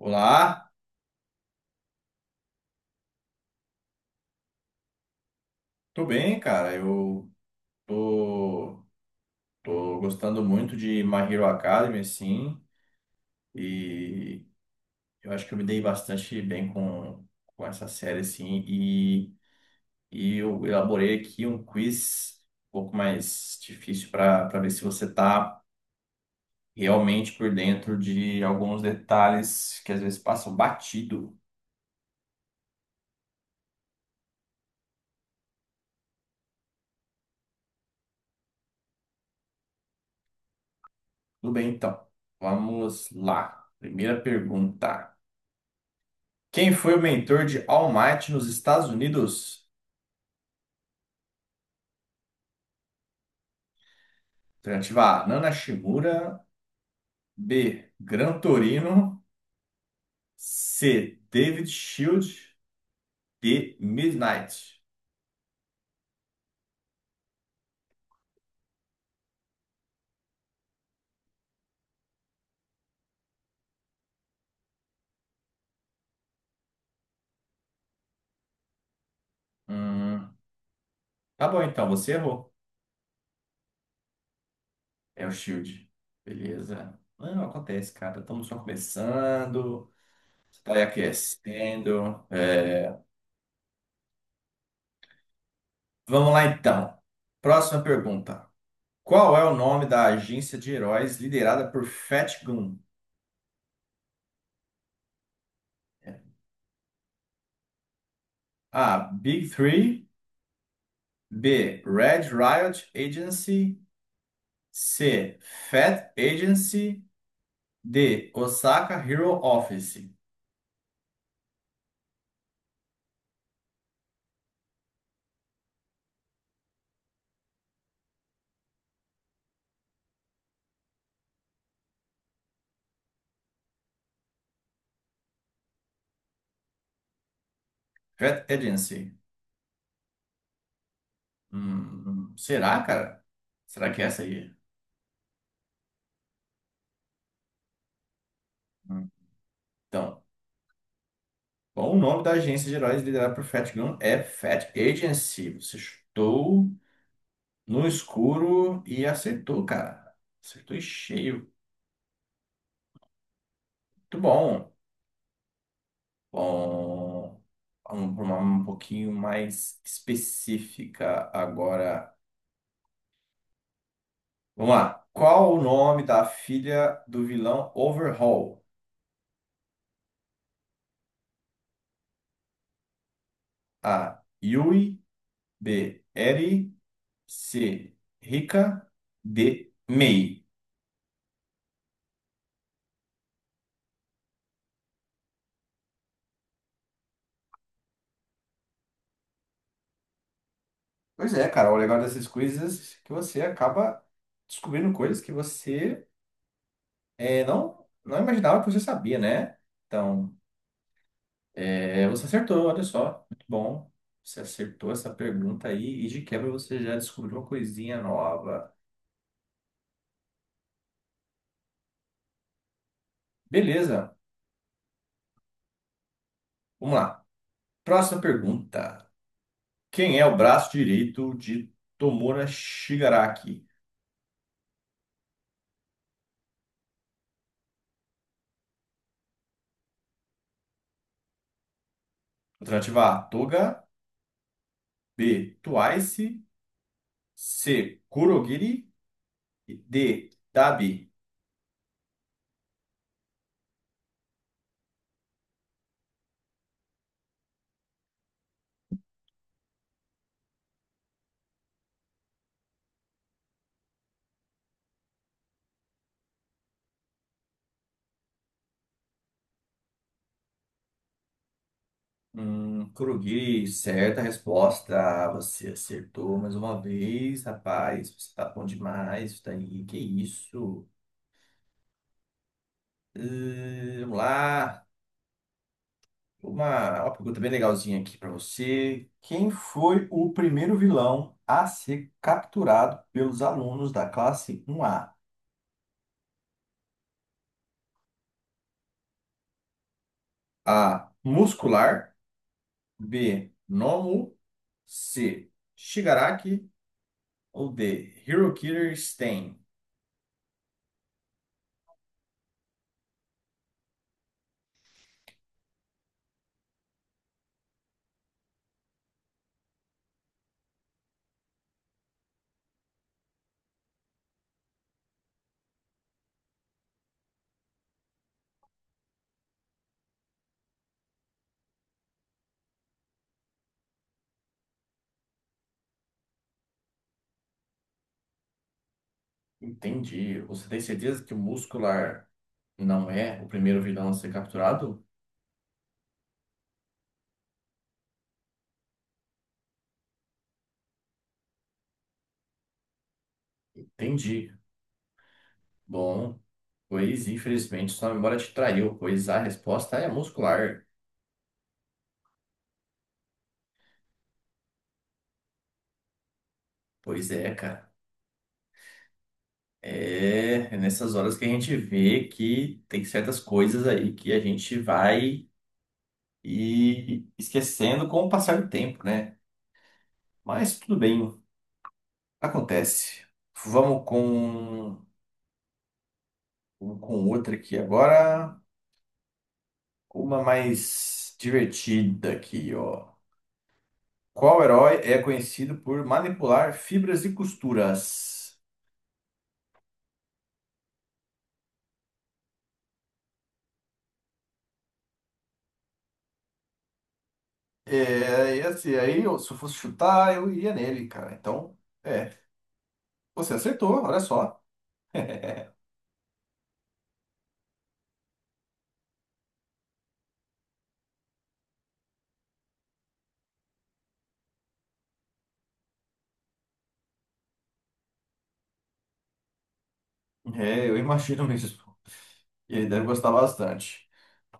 Olá, tô bem, cara. Eu tô, tô gostando muito de My Hero Academy, assim, e eu acho que eu me dei bastante bem com essa série, assim, e eu elaborei aqui um quiz um pouco mais difícil para ver se você tá realmente por dentro de alguns detalhes que às vezes passam batido. Tudo bem, então. Vamos lá. Primeira pergunta. Quem foi o mentor de All Might nos Estados Unidos? Alternativa A, Nana Shimura. B, Gran Torino. C, David Shield. D, Midnight. Hum, tá bom, então, você errou. É o Shield. Beleza. Não, acontece, cara. Estamos só começando. Está aí aquecendo. É. Vamos lá, então. Próxima pergunta. Qual é o nome da agência de heróis liderada por Fat Gun? A. Big Three. B. Red Riot Agency. C. Fed Agency. D. Osaka Hero Office. Fed Agency. Será, cara? Será que é essa aí? Hum, Então, bom, o nome da agência de heróis liderada por Fat Gun é Fat Agency. Você chutou no escuro e acertou, cara. Acertou em cheio. Muito bom. Bom, vamos para uma um pouquinho mais específica agora. Vamos lá. Qual o nome da filha do vilão Overhaul? A. Yui. B. Eri. C. Rika. D. Mei. Pois é, cara. O legal dessas coisas é que você acaba descobrindo coisas que você é, não imaginava que você sabia, né? Então, é, você acertou, olha só. Muito bom. Você acertou essa pergunta aí e de quebra você já descobriu uma coisinha nova. Beleza. Vamos lá. Próxima pergunta. Quem é o braço direito de Tomura Shigaraki? Alternativa A, Toga. B, Twice. C, Kurogiri. E D, Dabi. Kurogiri, certa resposta. Você acertou mais uma vez, rapaz. Você tá bom demais. Isso daí, que isso? Vamos lá. Uma pergunta bem legalzinha aqui para você. Quem foi o primeiro vilão a ser capturado pelos alunos da classe 1A? A. Muscular. B. Nomu. C. Shigaraki. Ou D. Hero Killer Stain. Entendi. Você tem certeza que o Muscular não é o primeiro vilão a ser capturado? Entendi. Bom, pois infelizmente sua memória te traiu, pois a resposta é Muscular. Pois é, cara. É, é nessas horas que a gente vê que tem certas coisas aí que a gente vai e esquecendo com o passar do tempo, né? Mas tudo bem. Acontece. Vamos com, vamos com outra aqui agora. Uma mais divertida aqui, ó. Qual herói é conhecido por manipular fibras e costuras? É, e assim, aí eu- se eu fosse chutar, eu iria nele, cara. Então, é. Você acertou, olha só. É, eu imagino mesmo. E ele deve gostar bastante.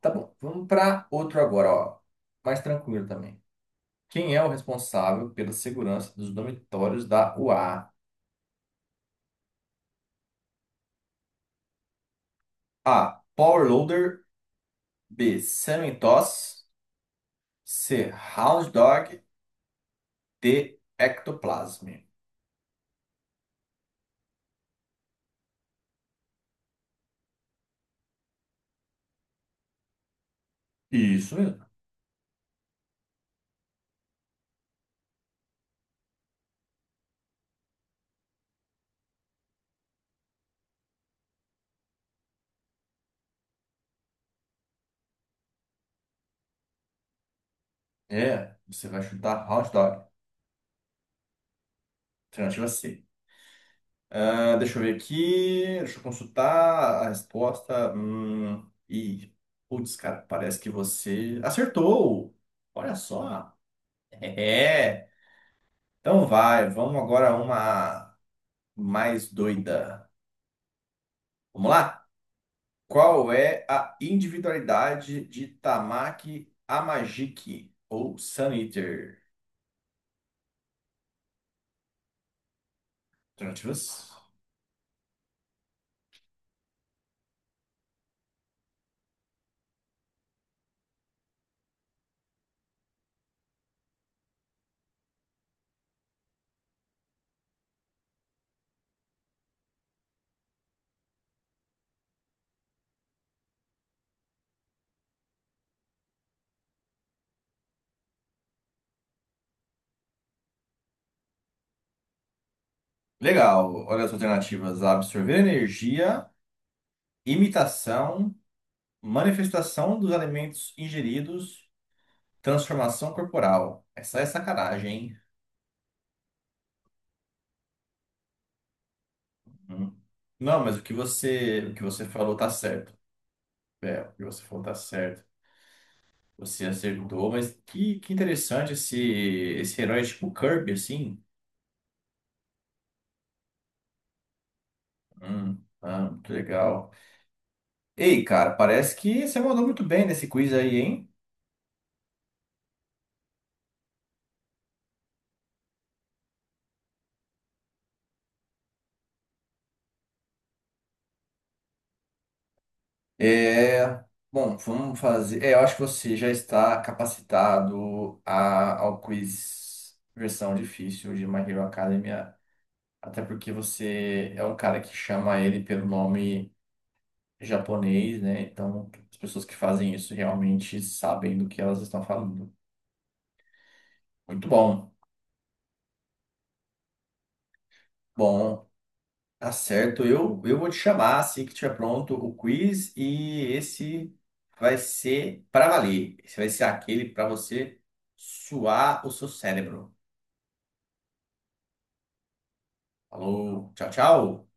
Tá bom, vamos para outro agora, ó. Mais tranquilo também. Quem é o responsável pela segurança dos dormitórios da UA? A. Power Loader. B. Semintoss. C. Hound Dog. D. Ectoplasm. Isso mesmo. É, você vai chutar Hound Dog. Alternativa C. Ah, deixa eu ver aqui. Deixa eu consultar a resposta. Putz, cara, parece que você acertou. Olha só. É. Então vai, vamos agora a uma mais doida. Vamos lá? Qual é a individualidade de Tamaki Amajiki ou Sun Eater? Alternativas? Legal. Olha as alternativas: absorver energia, imitação, manifestação dos alimentos ingeridos, transformação corporal. Essa é sacanagem, hein? Hum. Não, mas o que você falou tá certo. É, o que você falou tá certo. Você acertou, mas que interessante esse, esse herói tipo Kirby, assim. Muito legal. Ei, cara, parece que você mandou muito bem nesse quiz aí, hein? É, bom, vamos fazer. É, eu acho que você já está capacitado a, ao quiz versão difícil de My Hero Academia, até porque você é um cara que chama ele pelo nome japonês, né? Então, as pessoas que fazem isso realmente sabem do que elas estão falando. Muito bom. Bom, tá certo. Eu vou te chamar assim que tiver pronto o quiz e esse vai ser para valer. Esse vai ser aquele para você suar o seu cérebro. Falou, tchau, tchau.